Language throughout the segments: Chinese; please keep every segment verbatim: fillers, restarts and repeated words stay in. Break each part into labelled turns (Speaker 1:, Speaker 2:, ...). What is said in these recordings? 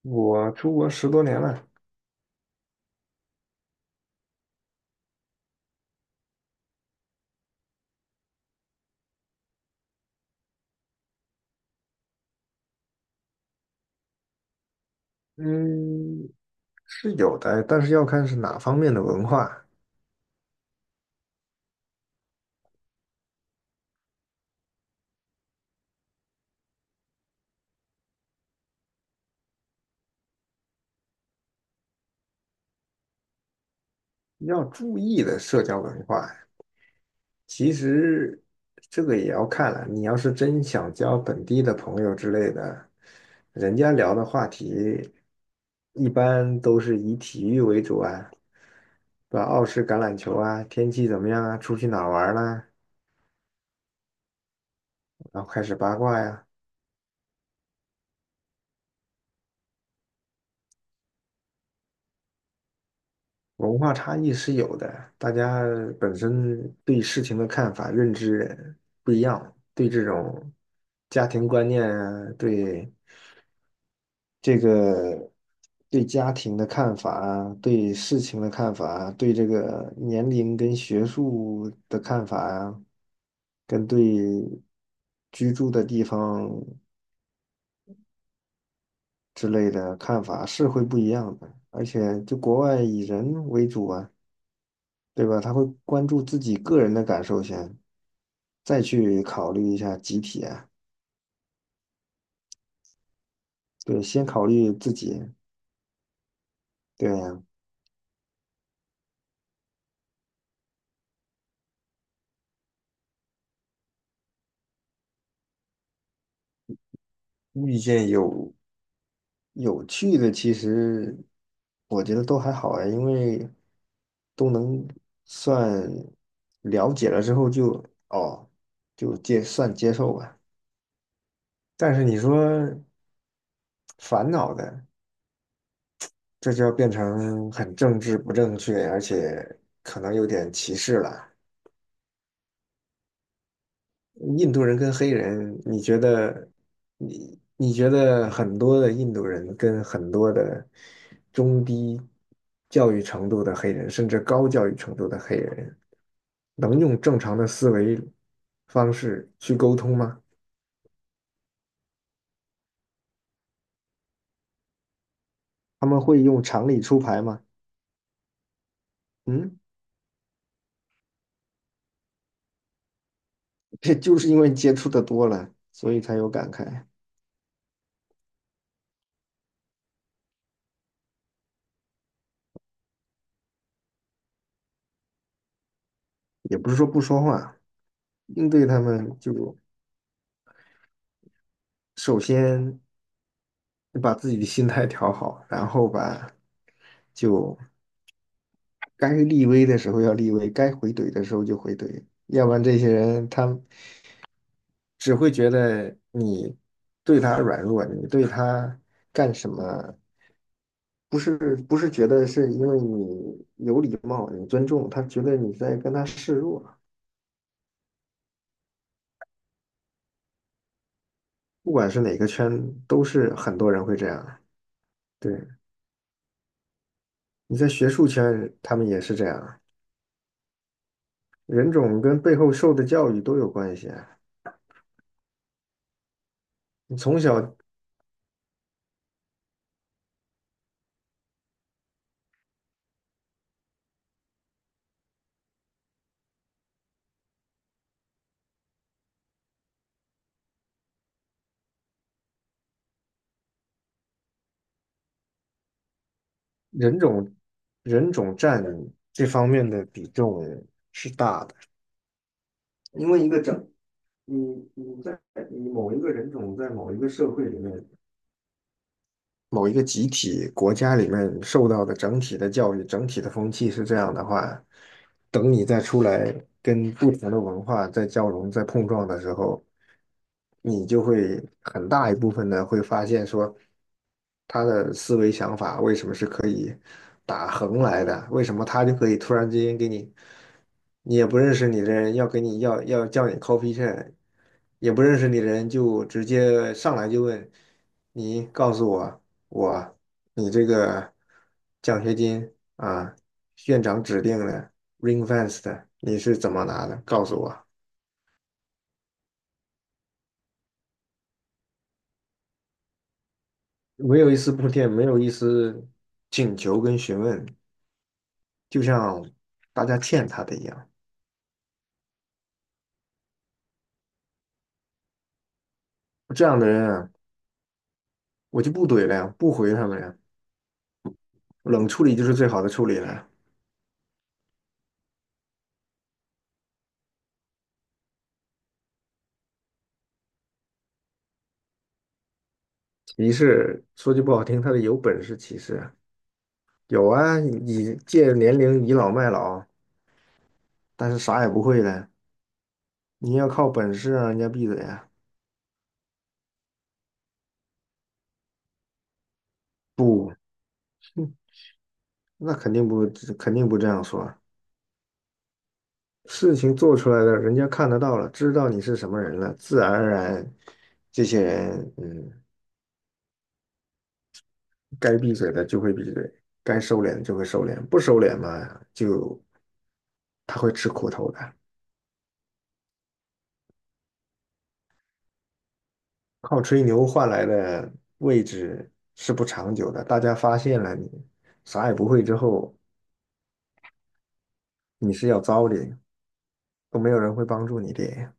Speaker 1: 我出国十多年了。嗯，是有的，但是要看是哪方面的文化。要注意的社交文化。其实这个也要看了，你要是真想交本地的朋友之类的，人家聊的话题一般都是以体育为主啊，对吧？澳式橄榄球啊，天气怎么样啊，出去哪儿玩儿啦，然后开始八卦呀。文化差异是有的，大家本身对事情的看法、认知不一样，对这种家庭观念啊，对这个对家庭的看法啊，对事情的看法啊，对这个年龄跟学术的看法啊，跟对居住的地方之类的看法是会不一样的，而且就国外以人为主啊。对吧？他会关注自己个人的感受先，再去考虑一下集体啊。对，先考虑自己。对啊。遇见有有趣的，其实我觉得都还好啊，因为都能算了解了之后就哦，就接算接受吧。但是你说烦恼的，这就要变成很政治不正确，而且可能有点歧视了。印度人跟黑人，你觉得你你觉得很多的印度人跟很多的中低教育程度的黑人，甚至高教育程度的黑人，能用正常的思维方式去沟通吗？他们会用常理出牌吗？嗯，这就是因为接触的多了，所以才有感慨。也不是说不说话，应对他们就首先把自己的心态调好，然后吧，就。该立威的时候要立威，该回怼的时候就回怼，要不然这些人他只会觉得你对他软弱，你对他干什么，不是不是觉得是因为你有礼貌，你尊重，他觉得你在跟他示弱。不管是哪个圈，都是很多人会这样。对，你在学术圈，他们也是这样。人种跟背后受的教育都有关系啊。你从小人种人种占这方面的比重是大的，因为一个整，你你在你某一个人种在某一个社会里面，某一个集体国家里面受到的整体的教育、整体的风气是这样的话，等你再出来跟不同的文化在交融、在碰撞的时候，你就会很大一部分呢会发现说，他的思维想法为什么是可以打横来的？为什么他就可以突然之间给你，你也不认识你的人要给你要要叫你 coffee chat，也不认识你的人就直接上来就问你告诉我。我，你这个奖学金啊，院长指定的 ring f e s t 你是怎么拿的？告诉我。没有一丝铺垫，没有一丝请求跟询问，就像大家欠他的一样。这样的人啊，我就不怼了呀，不回他们呀，冷处理就是最好的处理了。歧视，说句不好听，他的有本事歧视啊有啊，你借年龄倚老卖老，但是啥也不会的，你要靠本事啊，人家闭嘴啊。不。那肯定不，肯定不这样说啊。事情做出来了，人家看得到了，知道你是什么人了，自然而然，这些人，嗯，该闭嘴的就会闭嘴，该收敛的就会收敛，不收敛嘛，就他会吃苦头的。靠吹牛换来的位置是不长久的，大家发现了你啥也不会之后，你是要糟的，都没有人会帮助你的。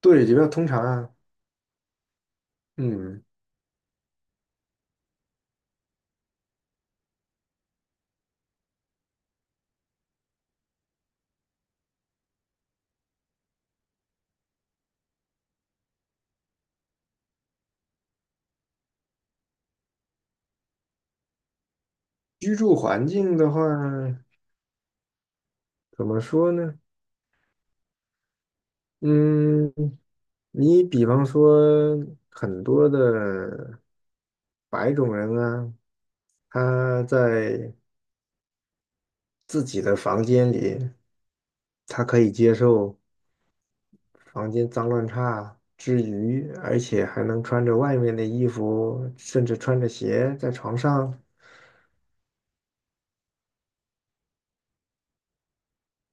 Speaker 1: 对，就要通常啊。嗯，居住环境的话，怎么说呢？嗯，你比方说很多的白种人啊，他在自己的房间里，他可以接受房间脏乱差之余，而且还能穿着外面的衣服，甚至穿着鞋在床上，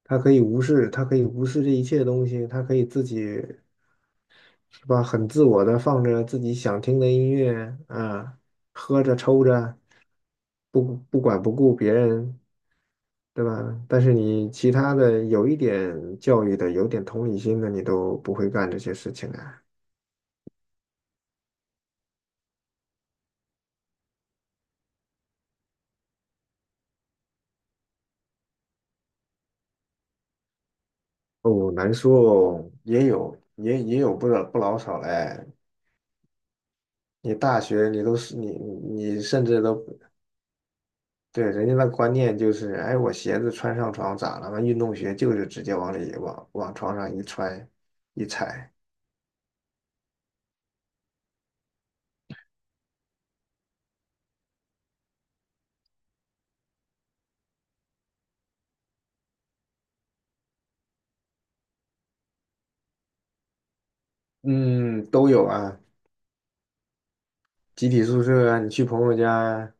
Speaker 1: 他可以无视，他可以无视这一切东西，他可以自己是吧，很自我的放着自己想听的音乐啊，喝着抽着，不不管不顾别人。对吧？但是你其他的有一点教育的、有点同理心的，你都不会干这些事情啊。哦，难说哦，也有也也有不老不老少嘞。你大学你都是你你你甚至都对人家的观念就是，哎，我鞋子穿上床咋了嘛？运动鞋就是直接往里往往床上一穿一踩。嗯，都有啊。集体宿舍啊，你去朋友家。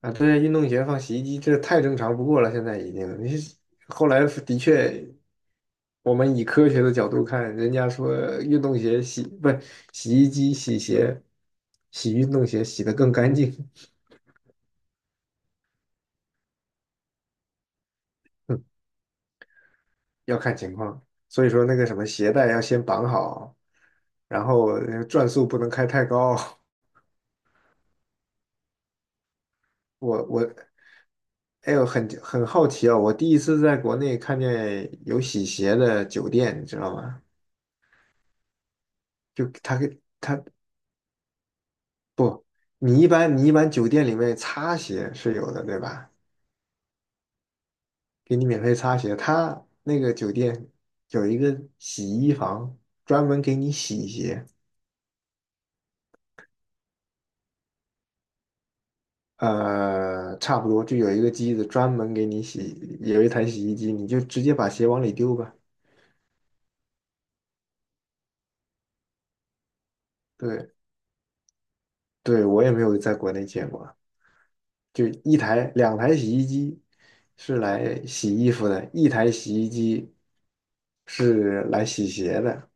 Speaker 1: 啊，对，运动鞋放洗衣机，这太正常不过了，现在已经。你是后来的确，我们以科学的角度看，人家说运动鞋洗，不，洗衣机洗鞋，洗运动鞋洗得更干净。要看情况。所以说那个什么鞋带要先绑好，然后呃转速不能开太高。我我，哎呦，很很好奇啊，我第一次在国内看见有洗鞋的酒店，你知道吗？就他给他不，你一般你一般酒店里面擦鞋是有的，对吧？给你免费擦鞋，他那个酒店有一个洗衣房，专门给你洗鞋。呃，差不多就有一个机子专门给你洗，有一台洗衣机，你就直接把鞋往里丢吧。对，对，我也没有在国内见过，就一台两台洗衣机是来洗衣服的，一台洗衣机是来洗鞋的。